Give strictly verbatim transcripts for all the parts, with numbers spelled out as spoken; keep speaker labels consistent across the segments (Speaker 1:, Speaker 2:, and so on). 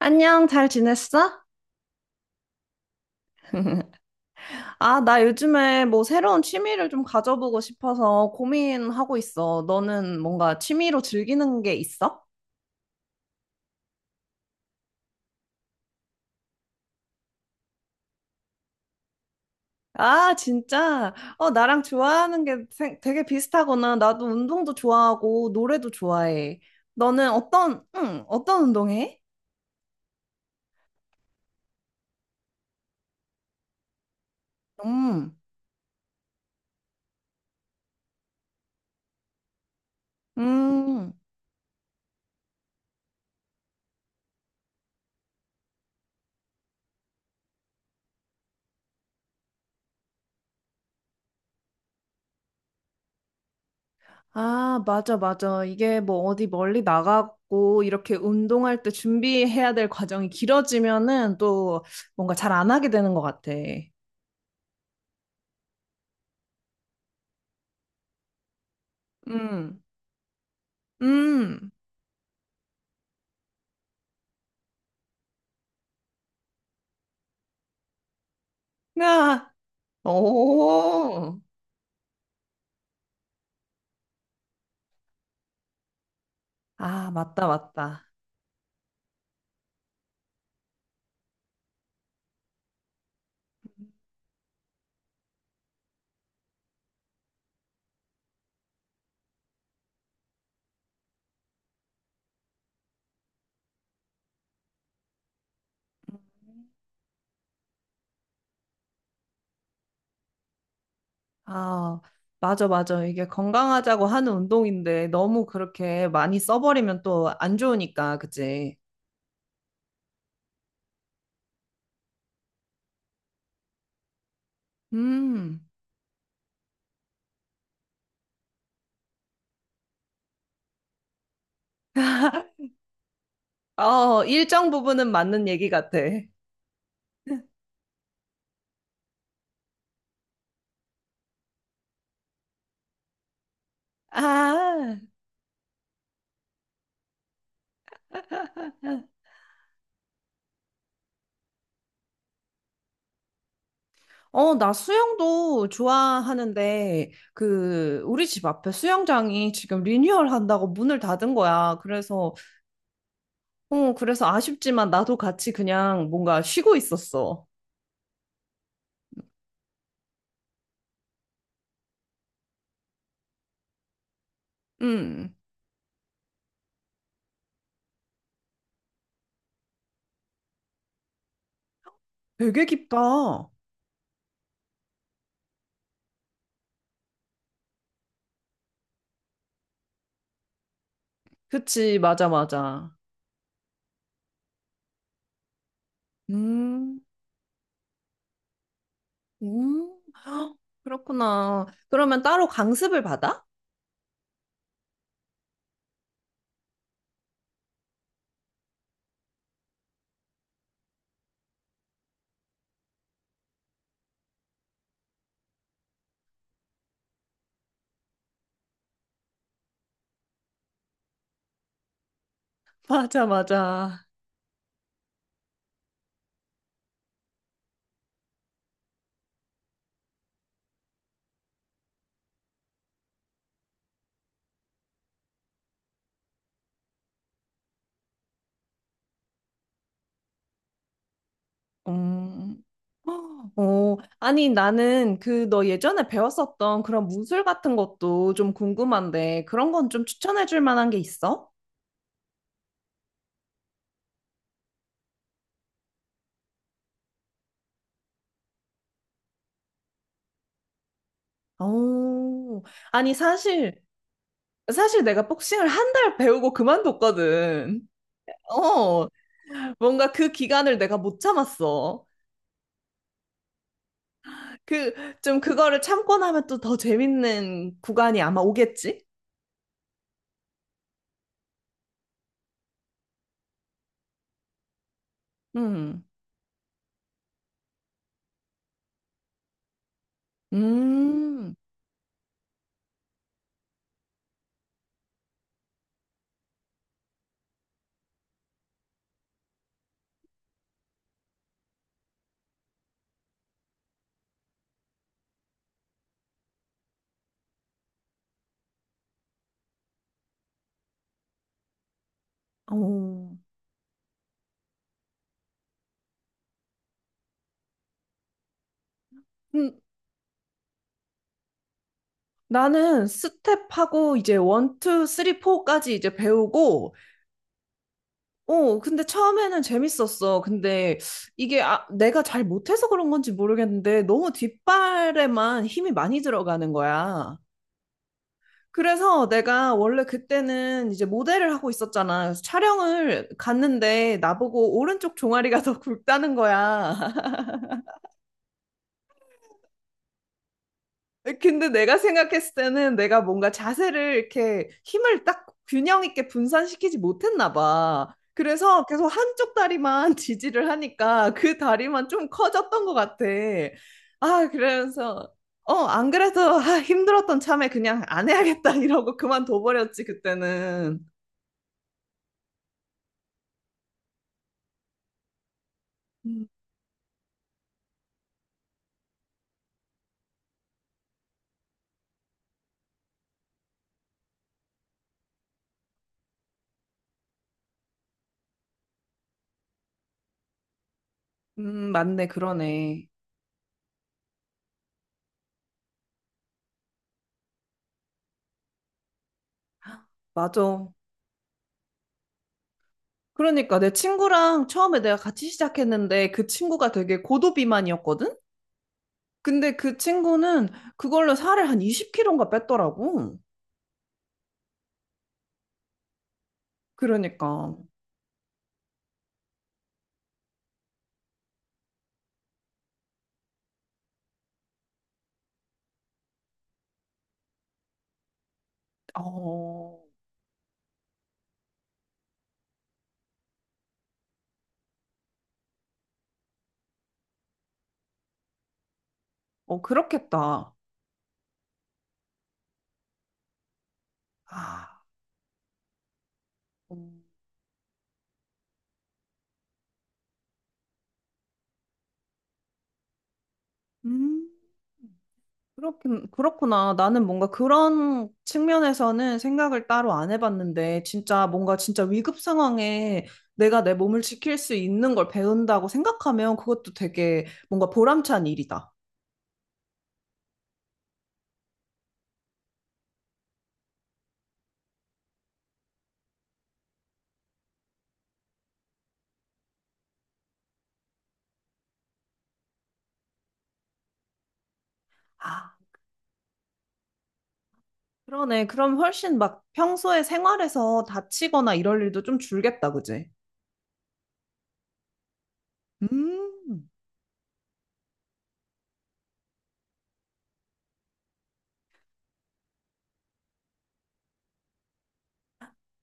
Speaker 1: 안녕, 잘 지냈어? 아, 나 요즘에 뭐 새로운 취미를 좀 가져보고 싶어서 고민하고 있어. 너는 뭔가 취미로 즐기는 게 있어? 아, 진짜? 어, 나랑 좋아하는 게 생- 되게 비슷하구나. 나도 운동도 좋아하고 노래도 좋아해. 너는 어떤, 응, 어떤 운동해? 음, 음. 아, 맞아, 맞아. 이게 뭐 어디 멀리 나가고 이렇게 운동할 때 준비해야 될 과정이 길어지면은 또 뭔가 잘 안 하게 되는 것 같아. 음, 음, 아, 오, 아, 맞다, 맞다. 아, 맞아, 맞아. 이게 건강하자고 하는 운동인데 너무 그렇게 많이 써버리면 또 안 좋으니까, 그치? 음, 어, 일정 부분은 맞는 얘기 같아. 아. 어, 나 수영도 좋아하는데, 그, 우리 집 앞에 수영장이 지금 리뉴얼 한다고 문을 닫은 거야. 그래서, 어, 그래서 아쉽지만 나도 같이 그냥 뭔가 쉬고 있었어. 음, 되게 깊다. 그치, 맞아, 맞아. 음, 음, 헉, 그렇구나. 그러면 따로 강습을 받아? 맞아, 맞아. 음. 어, 아니, 나는 그 너 예전에 배웠었던 그런 무술 같은 것도 좀 궁금한데, 그런 건 좀 추천해 줄 만한 게 있어? 어, 아니, 사실, 사실 내가 복싱을 한 달 배우고 그만뒀거든. 어, 뭔가 그 기간을 내가 못 참았어. 그, 좀 그거를 참고 나면 또 더 재밌는 구간이 아마 오겠지? 음, 음, 어. 음, 나는 스텝하고 이제 원, 투, 쓰리, 포까지 이제 배우고, 어, 근데 처음에는 재밌었어. 근데 이게 아, 내가 잘 못해서 그런 건지 모르겠는데 너무 뒷발에만 힘이 많이 들어가는 거야. 그래서 내가 원래 그때는 이제 모델을 하고 있었잖아. 그래서 촬영을 갔는데 나보고 오른쪽 종아리가 더 굵다는 거야. 근데 내가 생각했을 때는 내가 뭔가 자세를 이렇게 힘을 딱 균형 있게 분산시키지 못했나 봐. 그래서 계속 한쪽 다리만 지지를 하니까 그 다리만 좀 커졌던 것 같아. 아, 그래서, 어, 안 그래도 아, 힘들었던 참에 그냥 안 해야겠다 이러고 그만둬버렸지, 그때는. 음, 음, 맞네, 그러네. 맞아. 그러니까 내 친구랑 처음에 내가 같이 시작했는데 그 친구가 되게 고도비만이었거든? 근데 그 친구는 그걸로 살을 한 이십 킬로그램인가 뺐더라고. 그러니까, 어, 어, 그렇겠다. 아, 음, 그렇긴, 그렇구나. 나는 뭔가 그런 측면에서는 생각을 따로 안 해봤는데, 진짜 뭔가 진짜 위급 상황에 내가 내 몸을 지킬 수 있는 걸 배운다고 생각하면 그것도 되게 뭔가 보람찬 일이다. 아, 그러네. 그럼 훨씬 막 평소에 생활에서 다치거나 이럴 일도 좀 줄겠다, 그지? 음.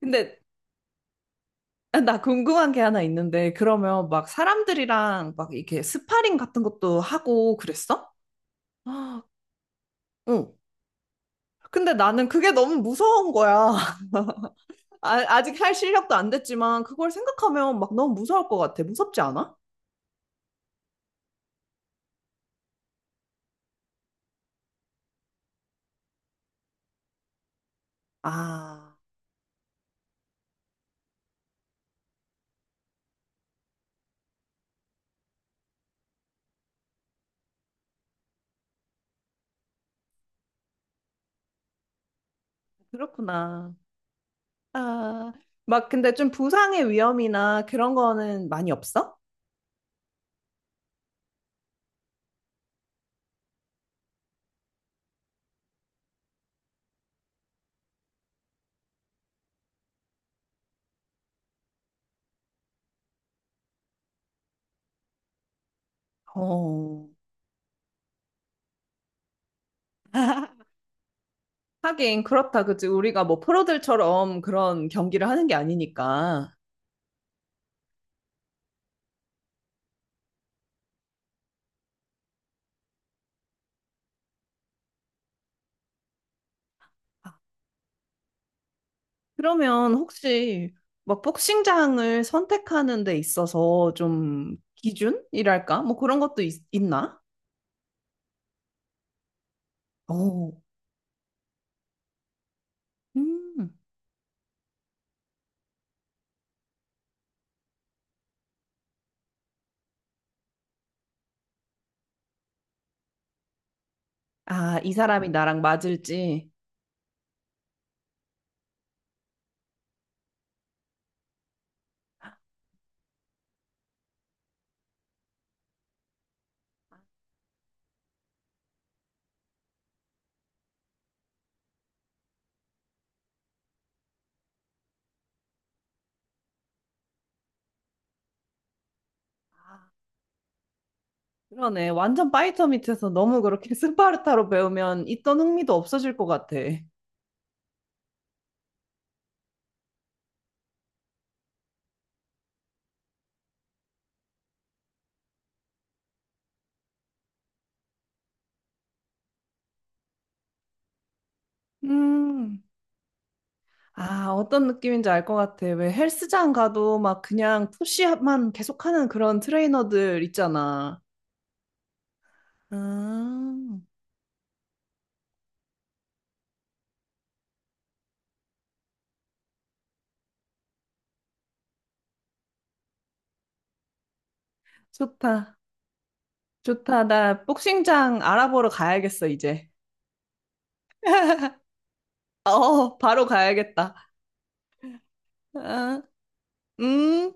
Speaker 1: 근데 아, 나 궁금한 게 하나 있는데 그러면 막 사람들이랑 막 이렇게 스파링 같은 것도 하고 그랬어? 아, 응. 근데 나는 그게 너무 무서운 거야. 아, 아직 할 실력도 안 됐지만 그걸 생각하면 막 너무 무서울 것 같아. 무섭지 않아? 아, 그렇구나. 아, 막 근데 좀 부상의 위험이나 그런 거는 많이 없어? 어. 하긴 그렇다, 그치? 우리가 뭐 프로들처럼 그런 경기를 하는 게 아니니까. 그러면 혹시 막 복싱장을 선택하는 데 있어서 좀 기준이랄까? 뭐 그런 것도 있, 나 오. 음. 아, 이 사람이 나랑 맞을지. 아, 그러네. 완전 파이터 밑에서 너무 그렇게 스파르타로 배우면 있던 흥미도 없어질 것 같아. 음. 아, 어떤 느낌인지 알 것 같아. 왜 헬스장 가도 막 그냥 푸시업만 계속하는 그런 트레이너들 있잖아. 아, 좋다. 좋다. 나 복싱장 알아보러 가야겠어, 이제. 어, 바로 가야겠다. 아, 음.